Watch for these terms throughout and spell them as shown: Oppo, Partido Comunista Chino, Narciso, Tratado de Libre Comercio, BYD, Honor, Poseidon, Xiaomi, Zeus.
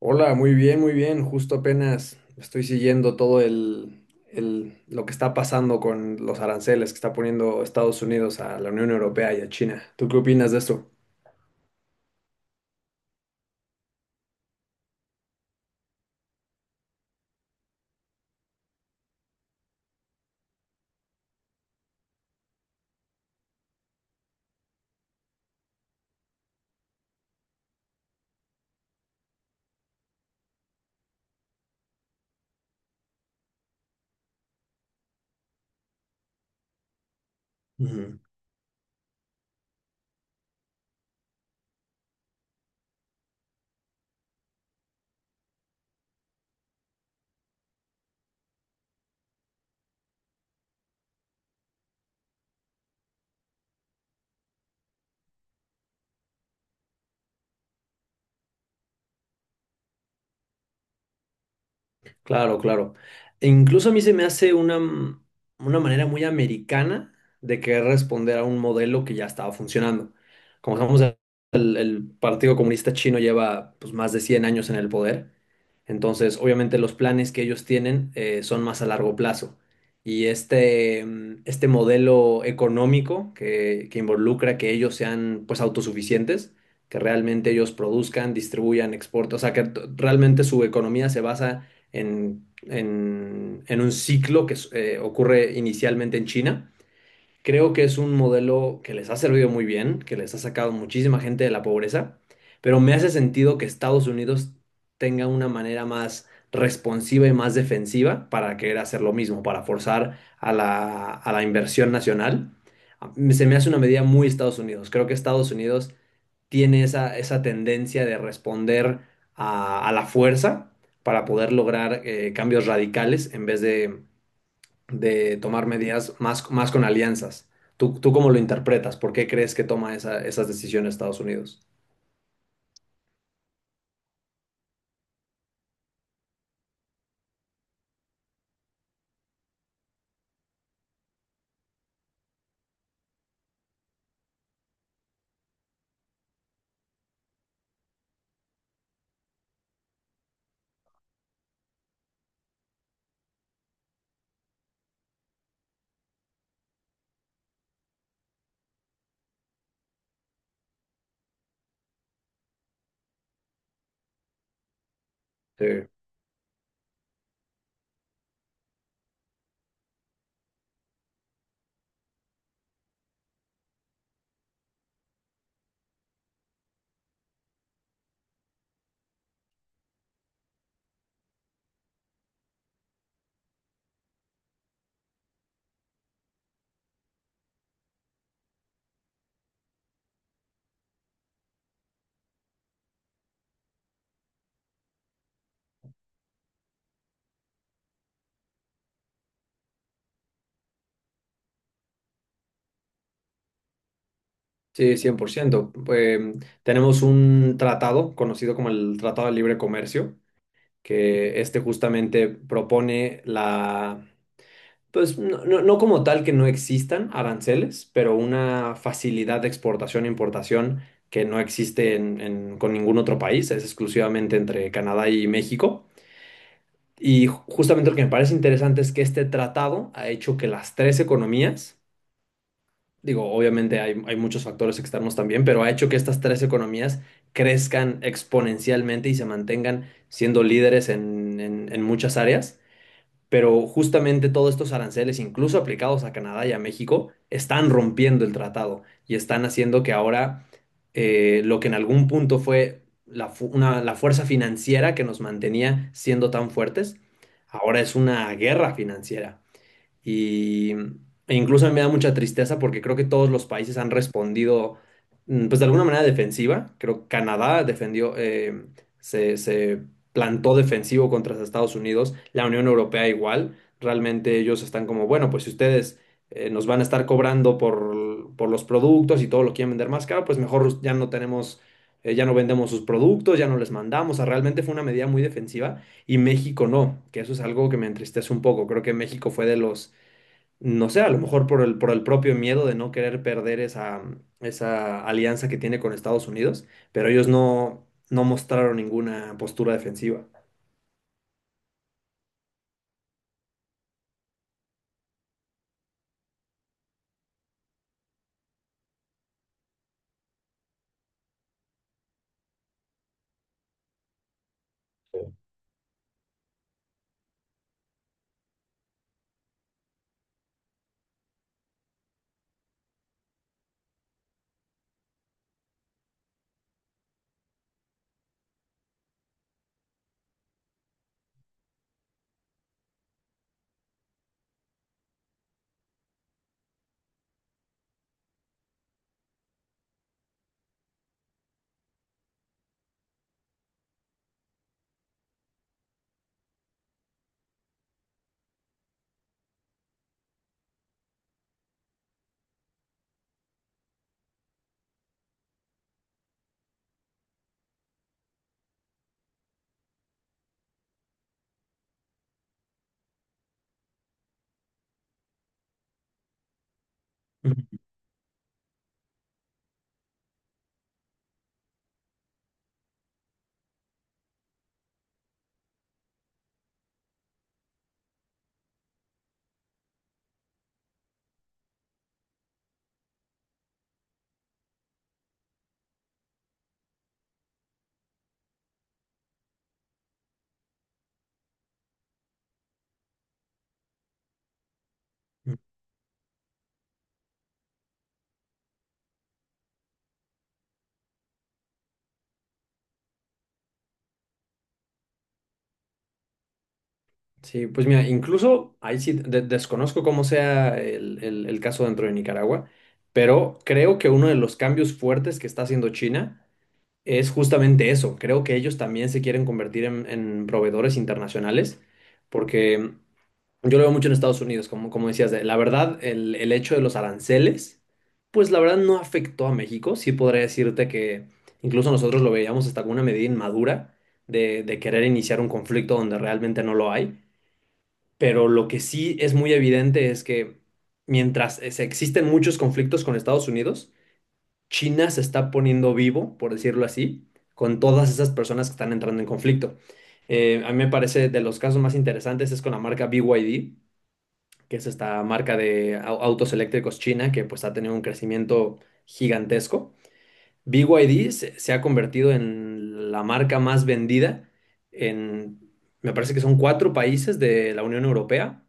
Hola, muy bien, muy bien. Justo apenas estoy siguiendo todo lo que está pasando con los aranceles que está poniendo Estados Unidos a la Unión Europea y a China. ¿Tú qué opinas de esto? Ujú. Claro, claro. E incluso a mí se me hace una manera muy americana de querer responder a un modelo que ya estaba funcionando. Como estamos, el Partido Comunista Chino lleva, pues, más de 100 años en el poder. Entonces, obviamente los planes que ellos tienen son más a largo plazo. Y este modelo económico que involucra que ellos sean, pues, autosuficientes, que realmente ellos produzcan, distribuyan, exporten, o sea, que realmente su economía se basa en un ciclo que ocurre inicialmente en China. Creo que es un modelo que les ha servido muy bien, que les ha sacado muchísima gente de la pobreza, pero me hace sentido que Estados Unidos tenga una manera más responsiva y más defensiva para querer hacer lo mismo, para forzar a la inversión nacional. Se me hace una medida muy Estados Unidos. Creo que Estados Unidos tiene esa tendencia de responder a la fuerza para poder lograr cambios radicales en vez de tomar medidas más con alianzas. ¿Tú cómo lo interpretas? ¿Por qué crees que toma esas decisiones Estados Unidos? Sí, sí, 100%. Tenemos un tratado conocido como el Tratado de Libre Comercio, que este justamente propone pues no como tal que no existan aranceles, pero una facilidad de exportación e importación que no existe con ningún otro país, es exclusivamente entre Canadá y México. Y justamente lo que me parece interesante es que este tratado ha hecho que las tres economías, digo, obviamente hay muchos factores externos también, pero ha hecho que estas tres economías crezcan exponencialmente y se mantengan siendo líderes en muchas áreas. Pero justamente todos estos aranceles, incluso aplicados a Canadá y a México, están rompiendo el tratado y están haciendo que ahora lo que en algún punto fue la fuerza financiera que nos mantenía siendo tan fuertes, ahora es una guerra financiera. E incluso me da mucha tristeza porque creo que todos los países han respondido, pues de alguna manera defensiva. Creo que Canadá defendió, se plantó defensivo contra Estados Unidos, la Unión Europea igual. Realmente ellos están como, bueno, pues si ustedes nos van a estar cobrando por los productos y todo lo quieren vender más caro, pues mejor ya no tenemos, ya no vendemos sus productos, ya no les mandamos. O sea, realmente fue una medida muy defensiva y México no, que eso es algo que me entristece un poco. Creo que México fue de los, no sé, a lo mejor por el, propio miedo de no querer perder esa, esa alianza que tiene con Estados Unidos, pero ellos no, no mostraron ninguna postura defensiva. Ujú. Sí, pues mira, incluso ahí sí desconozco cómo sea el, el caso dentro de Nicaragua, pero creo que uno de los cambios fuertes que está haciendo China es justamente eso. Creo que ellos también se quieren convertir en proveedores internacionales, porque yo lo veo mucho en Estados Unidos, como, como decías, la verdad, el hecho de los aranceles, pues la verdad no afectó a México. Sí podría decirte que incluso nosotros lo veíamos hasta como una medida inmadura de querer iniciar un conflicto donde realmente no lo hay. Pero lo que sí es muy evidente es que mientras existen muchos conflictos con Estados Unidos, China se está poniendo vivo, por decirlo así, con todas esas personas que están entrando en conflicto. A mí me parece de los casos más interesantes es con la marca BYD, que es esta marca de autos eléctricos china que pues ha tenido un crecimiento gigantesco. BYD se ha convertido en la marca más vendida en, me parece que son cuatro países de la Unión Europea,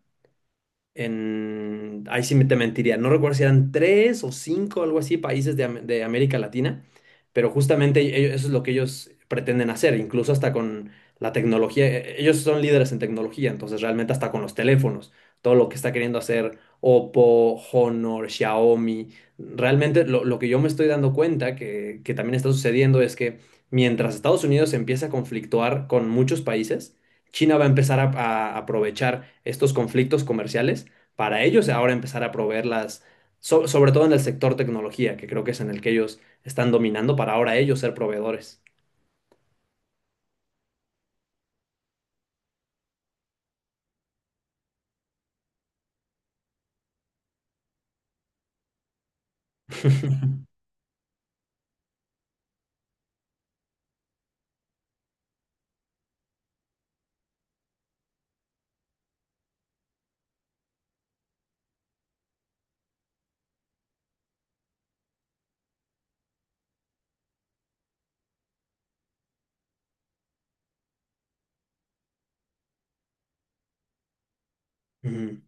ahí sí me te mentiría, no recuerdo si eran tres o cinco, algo así, países de, de América Latina, pero justamente eso es lo que ellos pretenden hacer, incluso hasta con la tecnología, ellos son líderes en tecnología, entonces realmente hasta con los teléfonos, todo lo que está queriendo hacer Oppo, Honor, Xiaomi, realmente lo que yo me estoy dando cuenta que también está sucediendo es que mientras Estados Unidos empieza a conflictuar con muchos países, China va a empezar a aprovechar estos conflictos comerciales para ellos ahora empezar a proveerlas, sobre todo en el sector tecnología, que creo que es en el que ellos están dominando, para ahora ellos ser proveedores. Ujú.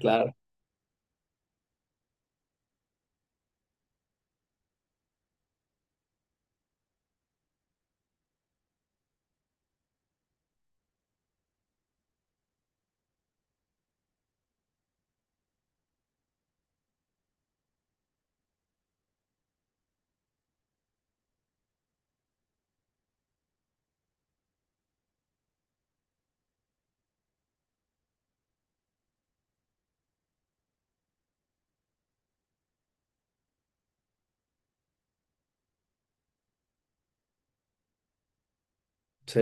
Claro, sí,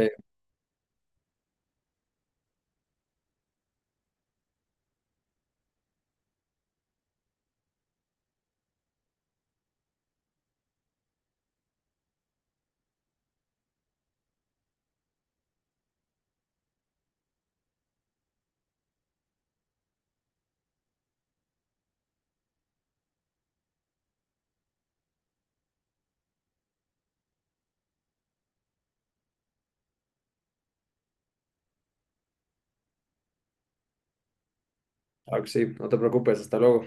claro que sí, no te preocupes, hasta luego.